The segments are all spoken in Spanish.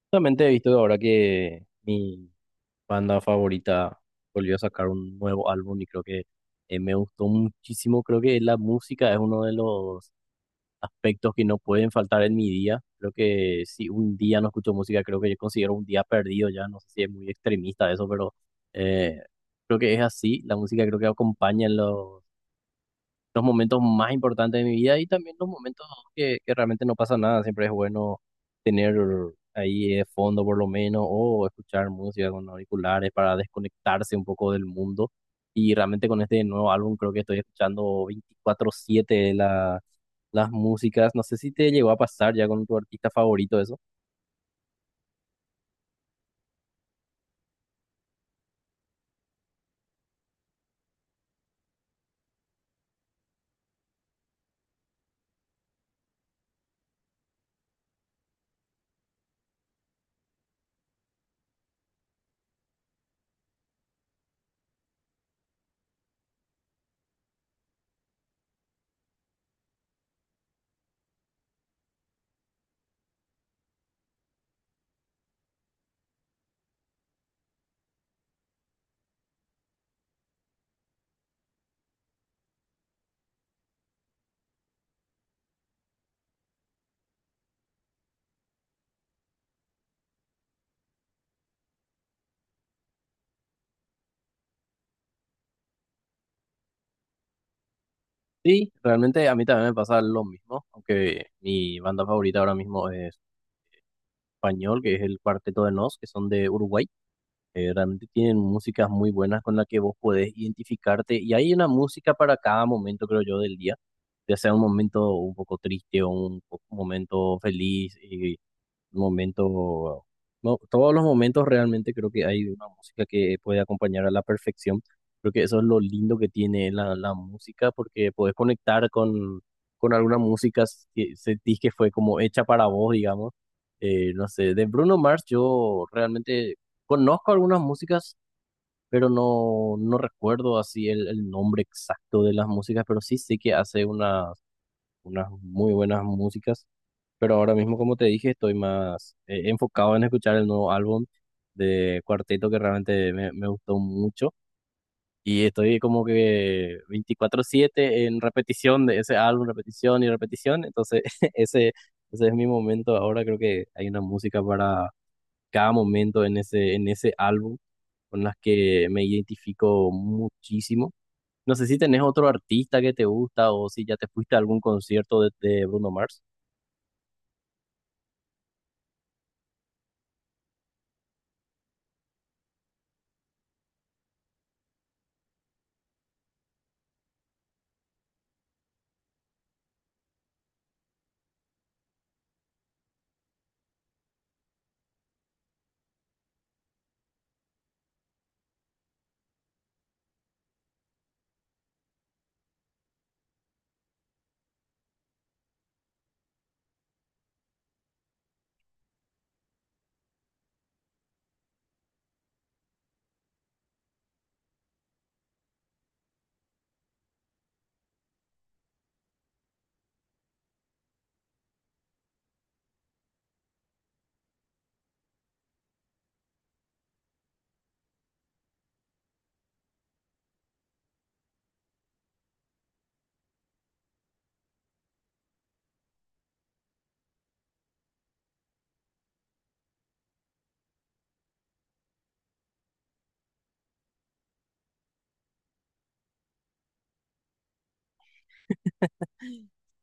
Justamente he visto ahora que mi banda favorita volvió a sacar un nuevo álbum y creo que me gustó muchísimo. Creo que la música es uno de los aspectos que no pueden faltar en mi día. Creo que si un día no escucho música, creo que yo considero un día perdido ya. No sé si es muy extremista eso, pero eh, creo que es así. La música creo que acompaña en los momentos más importantes de mi vida y también los momentos que realmente no pasa nada. Siempre es bueno tener ahí de fondo por lo menos o escuchar música con auriculares para desconectarse un poco del mundo. Y realmente con este nuevo álbum creo que estoy escuchando veinticuatro siete las músicas. ¿No sé si te llegó a pasar ya con tu artista favorito eso? Sí, realmente a mí también me pasa lo mismo, aunque mi banda favorita ahora mismo es español, que es el Cuarteto de Nos, que son de Uruguay. Realmente tienen músicas muy buenas con las que vos podés identificarte y hay una música para cada momento, creo yo, del día, ya sea un momento un poco triste o momento feliz. Y momento, no, todos los momentos realmente creo que hay una música que puede acompañar a la perfección. Creo que eso es lo lindo que tiene la música, porque podés conectar con alguna música que sentís que fue como hecha para vos, digamos. No sé, de Bruno Mars yo realmente conozco algunas músicas, pero no recuerdo así el nombre exacto de las músicas, pero sí sé que hace unas muy buenas músicas, pero ahora mismo, como te dije, estoy más enfocado en escuchar el nuevo álbum de Cuarteto que realmente me gustó mucho y estoy como que veinticuatro siete en repetición de ese álbum, repetición y repetición, entonces ese, ese es mi momento ahora, creo que hay una música para cada momento en en ese álbum con las que me identifico muchísimo. ¿No sé si tenés otro artista que te gusta o si ya te fuiste a algún concierto de Bruno Mars?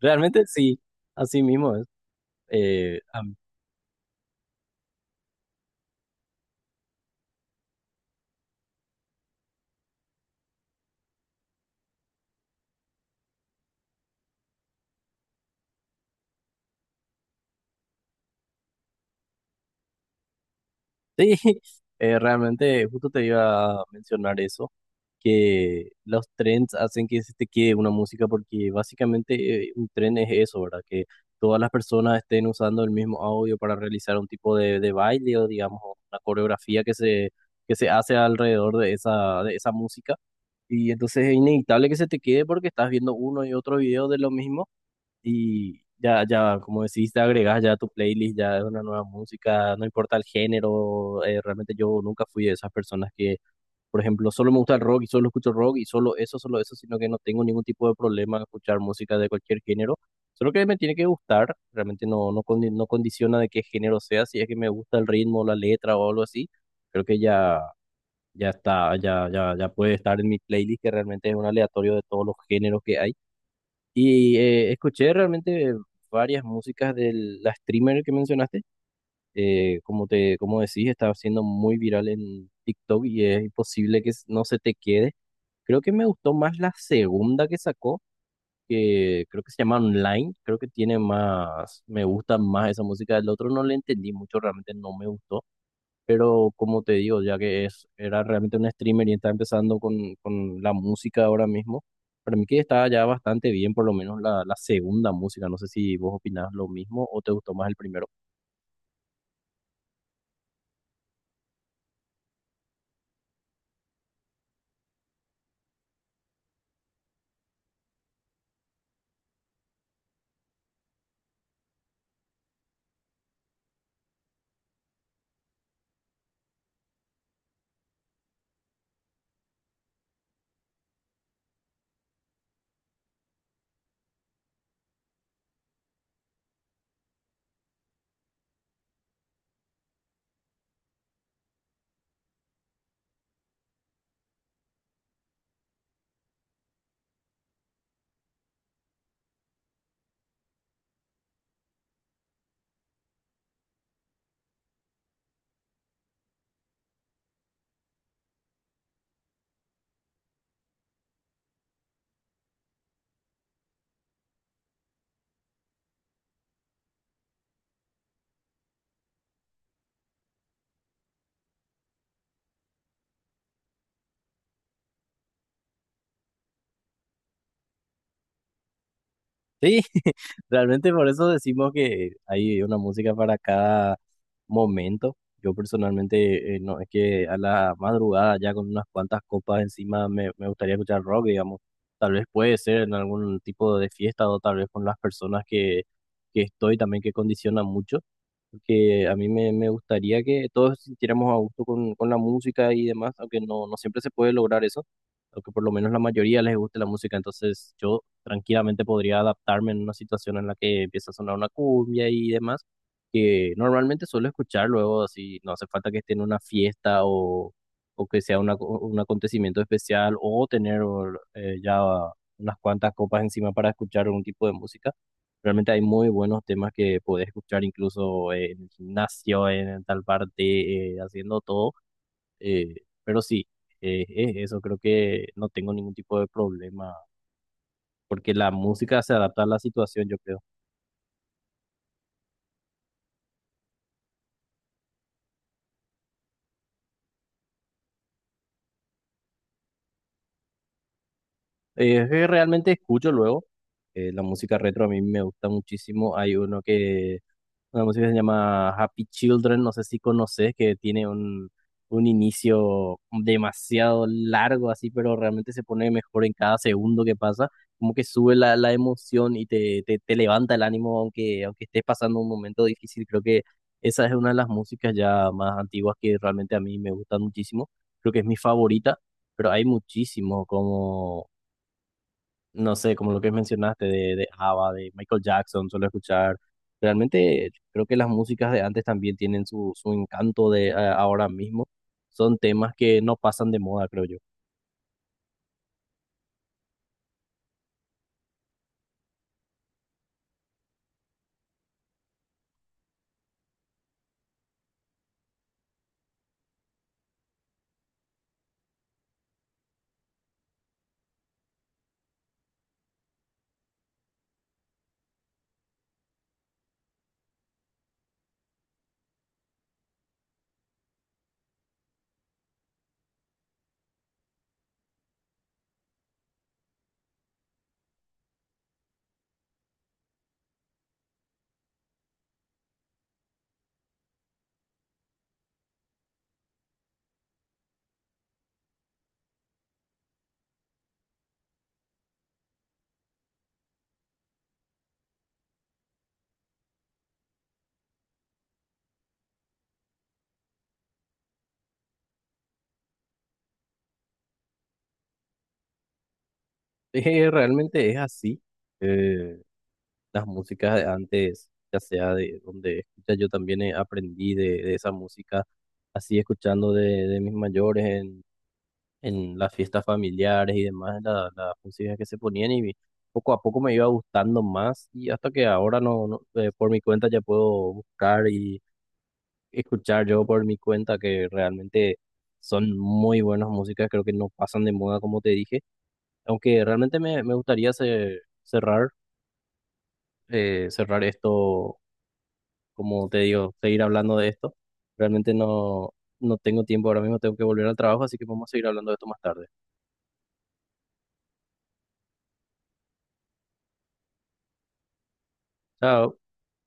Realmente sí, así mismo es. Eh, am- sí, realmente justo te iba a mencionar eso, que los trends hacen que se te quede una música porque básicamente un tren es eso, ¿verdad? Que todas las personas estén usando el mismo audio para realizar un tipo de baile o digamos una coreografía que se hace alrededor de de esa música. Y entonces es inevitable que se te quede porque estás viendo uno y otro video de lo mismo y ya, como decís, te agregas ya a tu playlist, ya es una nueva música, no importa el género, realmente yo nunca fui de esas personas que, por ejemplo, solo me gusta el rock y solo escucho rock y solo eso, sino que no tengo ningún tipo de problema en escuchar música de cualquier género, solo que me tiene que gustar, realmente no condiciona de qué género sea, si es que me gusta el ritmo, la letra o algo así, creo que ya está, ya puede estar en mi playlist, que realmente es un aleatorio de todos los géneros que hay. Y escuché realmente varias músicas de la streamer que mencionaste. Como te, como decís, está siendo muy viral en TikTok y es imposible que no se te quede. Creo que me gustó más la segunda que sacó, que creo que se llama Online. Creo que tiene más, me gusta más esa música del otro. No le entendí mucho, realmente no me gustó, pero como te digo, ya que era realmente un streamer y está empezando con la música ahora mismo, para mí que está ya bastante bien, por lo menos la segunda música. No sé si vos opinás lo mismo o te gustó más el primero. Sí, realmente por eso decimos que hay una música para cada momento. Yo personalmente, no, es que a la madrugada ya con unas cuantas copas encima me gustaría escuchar rock, digamos. Tal vez puede ser en algún tipo de fiesta o tal vez con las personas que estoy también que condicionan mucho. Porque a mí me gustaría que todos sintiéramos a gusto con la música y demás, aunque no siempre se puede lograr eso, aunque por lo menos la mayoría les guste la música. Entonces yo tranquilamente podría adaptarme en una situación en la que empieza a sonar una cumbia y demás, que normalmente suelo escuchar luego, así no hace falta que esté en una fiesta o que sea un acontecimiento especial o tener ya unas cuantas copas encima para escuchar algún tipo de música. Realmente hay muy buenos temas que podés escuchar incluso en el gimnasio, en tal parte, haciendo todo. eh, pero sí, es eso, creo que no tengo ningún tipo de problema porque la música se adapta a la situación, yo creo. Es que realmente escucho luego. La música retro a mí me gusta muchísimo. Hay uno que, una música que se llama Happy Children, no sé si conoces, que tiene un inicio demasiado largo así, pero realmente se pone mejor en cada segundo que pasa. Como que sube la emoción y te levanta el ánimo, aunque estés pasando un momento difícil. Creo que esa es una de las músicas ya más antiguas que realmente a mí me gustan muchísimo. Creo que es mi favorita, pero hay muchísimo como no sé, como lo que mencionaste de ABBA, de Michael Jackson, suelo escuchar. Realmente creo que las músicas de antes también tienen su encanto de ahora mismo. Son temas que no pasan de moda, creo yo. Realmente es así. Eh, las músicas de antes, ya sea de donde escucha, yo también aprendí de esa música, así escuchando de mis mayores en las fiestas familiares y demás, las músicas que se ponían y poco a poco me iba gustando más y hasta que ahora no, no, por mi cuenta ya puedo buscar y escuchar yo por mi cuenta que realmente son muy buenas músicas, creo que no pasan de moda como te dije, aunque realmente me gustaría cerrar, cerrar esto, como te digo, seguir hablando de esto, realmente no tengo tiempo ahora mismo, tengo que volver al trabajo, así que vamos a seguir hablando de esto más tarde. Chao.